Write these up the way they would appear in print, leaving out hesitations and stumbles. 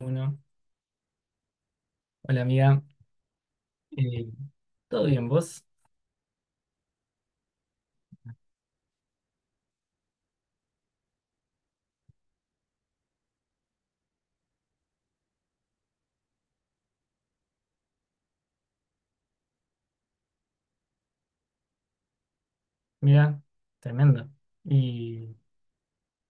Uno. Hola amiga. Eh, ¿Todo bien vos? Mira, tremendo. ¿Y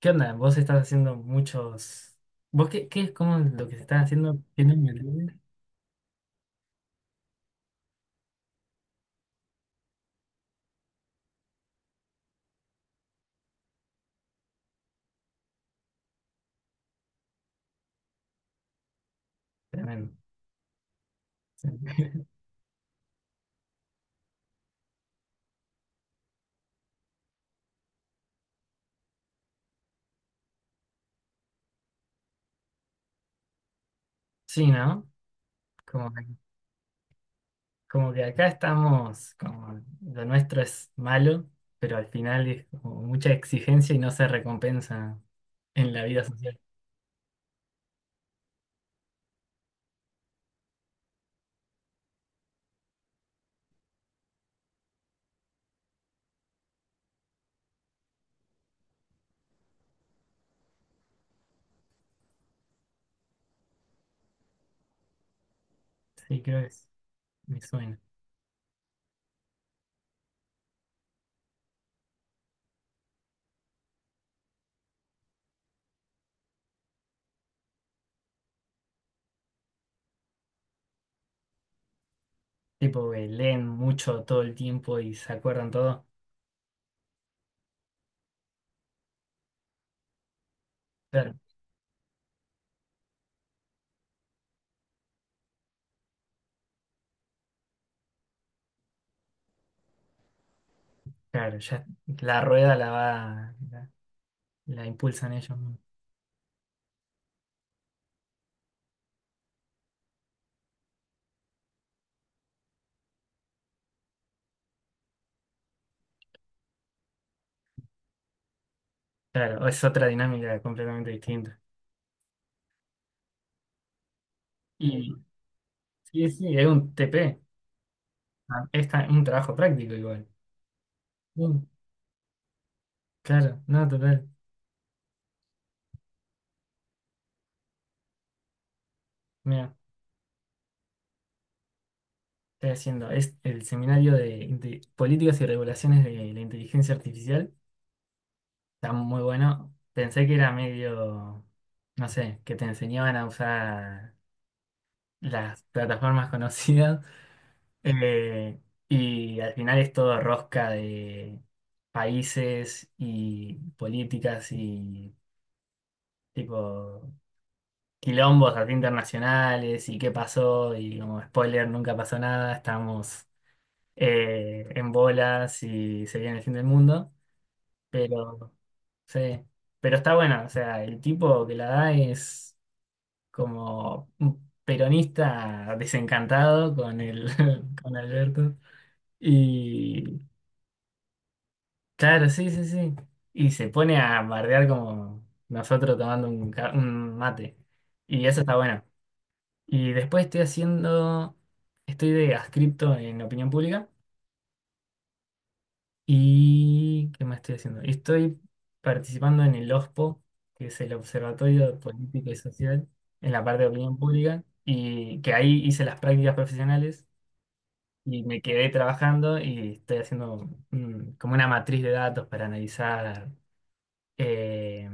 qué onda? ¿Vos estás haciendo muchos... ¿Vos qué es como lo que se está haciendo? ¿Tiene un material? Tremendo. Sí, Sí, ¿no? Como, como que acá estamos, como lo nuestro es malo, pero al final es como mucha exigencia y no se recompensa en la vida social. Sí, creo que es, me suena. Tipo, que leen mucho todo el tiempo y se acuerdan todo. Claro, claro, ya la rueda la va, la impulsan ellos mismos. Claro, es otra dinámica completamente distinta. Y sí, sí, es un TP. Ah, es un trabajo práctico igual. Mm, claro, no, total. Mira, estoy haciendo. Es el seminario de políticas y regulaciones de la inteligencia artificial. Está muy bueno. Pensé que era medio, no sé, que te enseñaban a usar las plataformas conocidas. Eh, y al final es todo rosca de países y políticas y tipo quilombos así internacionales y qué pasó, y como spoiler nunca pasó nada, estamos en bolas y se viene el fin del mundo, pero sí, pero está bueno, o sea, el tipo que la da es como un peronista desencantado con el con Alberto. Y claro, sí, sí, sí. Y se pone a bardear como nosotros tomando un, un mate. Y eso está bueno. Y después estoy haciendo, estoy de adscripto en opinión pública. ¿Y qué más estoy haciendo? Y estoy participando en el OSPO, que es el Observatorio Político y Social, en la parte de opinión pública. Y que ahí hice las prácticas profesionales y me quedé trabajando y estoy haciendo, mm, como una matriz de datos para analizar. eh,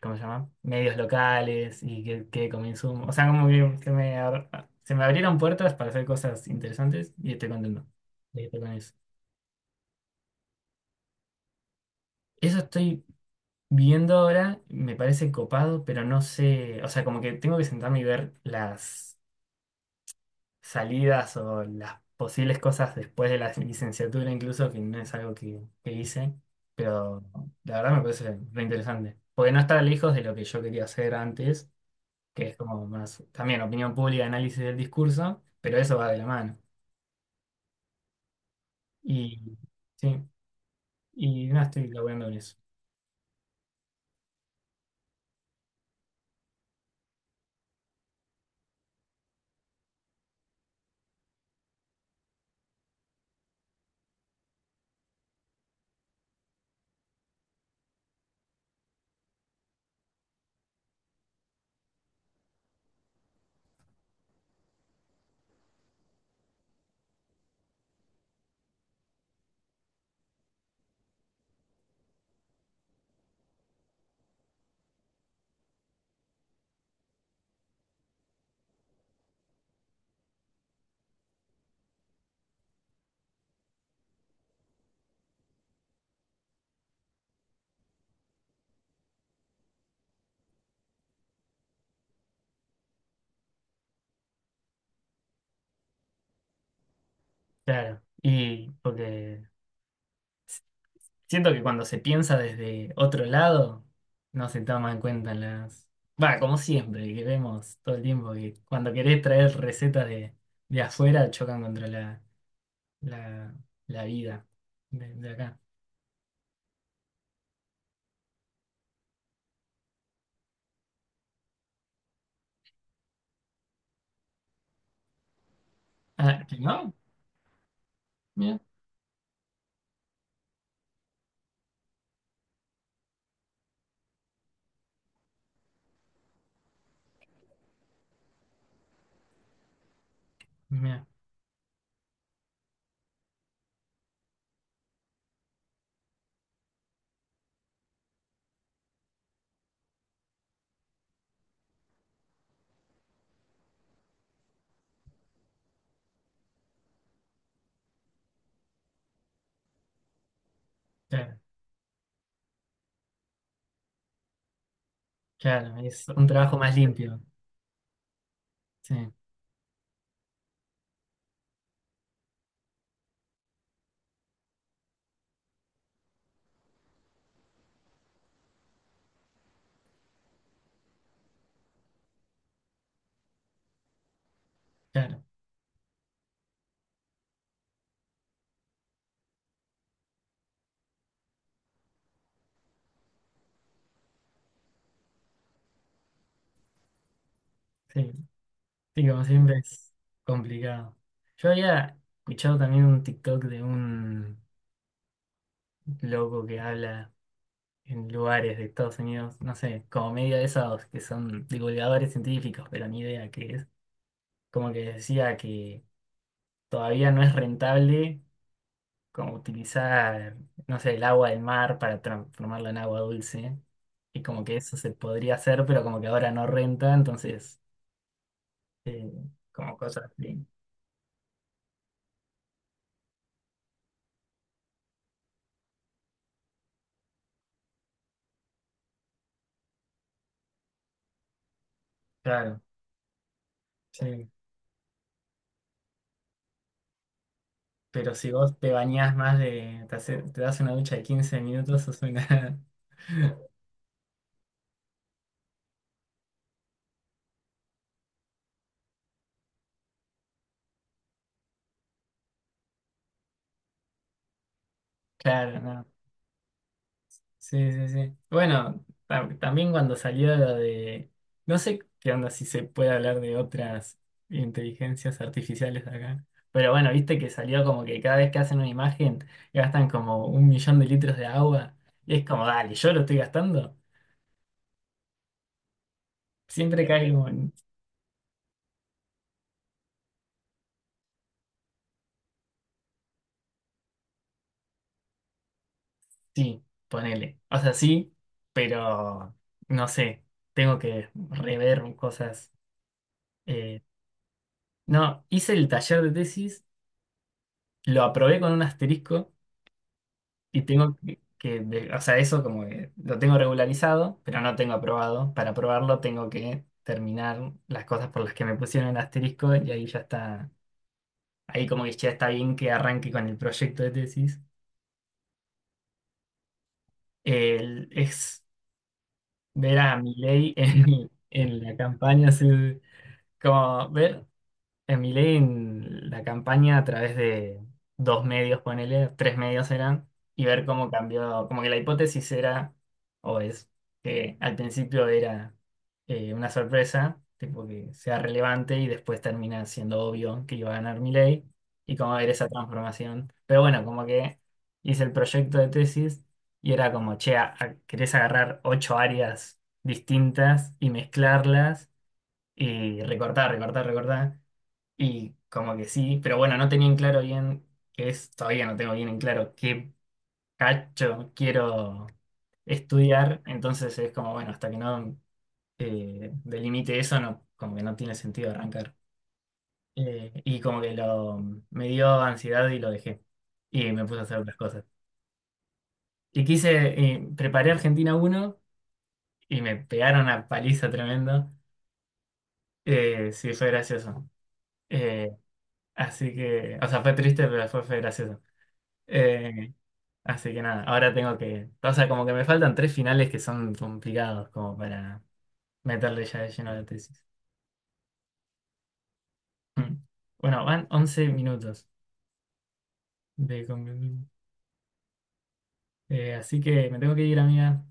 ¿Cómo se llama? Medios locales y qué consumo. O sea, como que me, se me abrieron puertas para hacer cosas interesantes y estoy contento de que estoy con eso. Eso estoy viendo ahora, me parece copado, pero no sé, o sea, como que tengo que sentarme y ver las salidas o las posibles cosas después de la licenciatura incluso, que no es algo que hice, pero la verdad me parece re interesante, porque no está lejos de lo que yo quería hacer antes, que es como más también opinión pública, análisis del discurso, pero eso va de la mano. Y sí, y no estoy laburando en eso. Claro, y porque siento que cuando se piensa desde otro lado, no se toma en cuenta las... Va, como siempre, que vemos todo el tiempo, que cuando querés traer recetas de afuera chocan contra la, la, la vida de acá. Ah, ¿que no? Mira, mira, claro, claro, es un trabajo más limpio. Sí, claro, sí. Sí, como siempre es complicado. Yo había escuchado también un TikTok de un loco que habla en lugares de Estados Unidos, no sé, como medio de esos que son divulgadores científicos, pero ni idea qué es. Como que decía que todavía no es rentable como utilizar, no sé, el agua del mar para transformarla en agua dulce. Y como que eso se podría hacer, pero como que ahora no renta, entonces, eh, como cosas así. Claro, sí. Pero si vos te bañás más de, te, te das una ducha de 15 minutos, sos una... Claro, no. Sí, sí, sí. Bueno, también cuando salió lo de... No sé qué onda si se puede hablar de otras inteligencias artificiales acá. Pero bueno, viste que salió como que cada vez que hacen una imagen gastan como un millón de litros de agua. Y es como, dale, yo lo estoy gastando. Siempre cae como... Sí, ponele. O sea, sí, pero no sé, tengo que rever cosas. eh, no, hice el taller de tesis, lo aprobé con un asterisco y tengo que o sea, eso como que lo tengo regularizado, pero no tengo aprobado. Para aprobarlo tengo que terminar las cosas por las que me pusieron el asterisco y ahí ya está, ahí como que ya está bien que arranque con el proyecto de tesis. Es ver a Milei en la campaña. Sí, como ver a Milei en la campaña a través de dos medios, ponele, tres medios eran, y ver cómo cambió, como que la hipótesis era, o es, que al principio era una sorpresa, tipo que sea relevante y después termina siendo obvio que iba a ganar Milei, y cómo ver esa transformación. Pero bueno, como que hice el proyecto de tesis y era como, che, querés agarrar 8 áreas distintas y mezclarlas y recortar, recortar, recortar. Y como que sí, pero bueno, no tenía en claro bien qué es, todavía no tengo bien en claro qué cacho quiero estudiar. Entonces es como, bueno, hasta que no delimite eso, no, como que no tiene sentido arrancar. Y como que lo, me dio ansiedad y lo dejé. Y me puse a hacer otras cosas. Y quise, preparé Argentina uno y me pegaron una paliza tremenda. Sí, fue gracioso. Eh, Así que, o sea, fue triste, pero fue, fue gracioso. Eh, Así que nada, ahora tengo que, o sea, como que me faltan 3 finales que son complicados como para meterle ya de lleno a la tesis. Mm. Bueno, van 11 minutos de conversación. Así que me tengo que ir, amiga.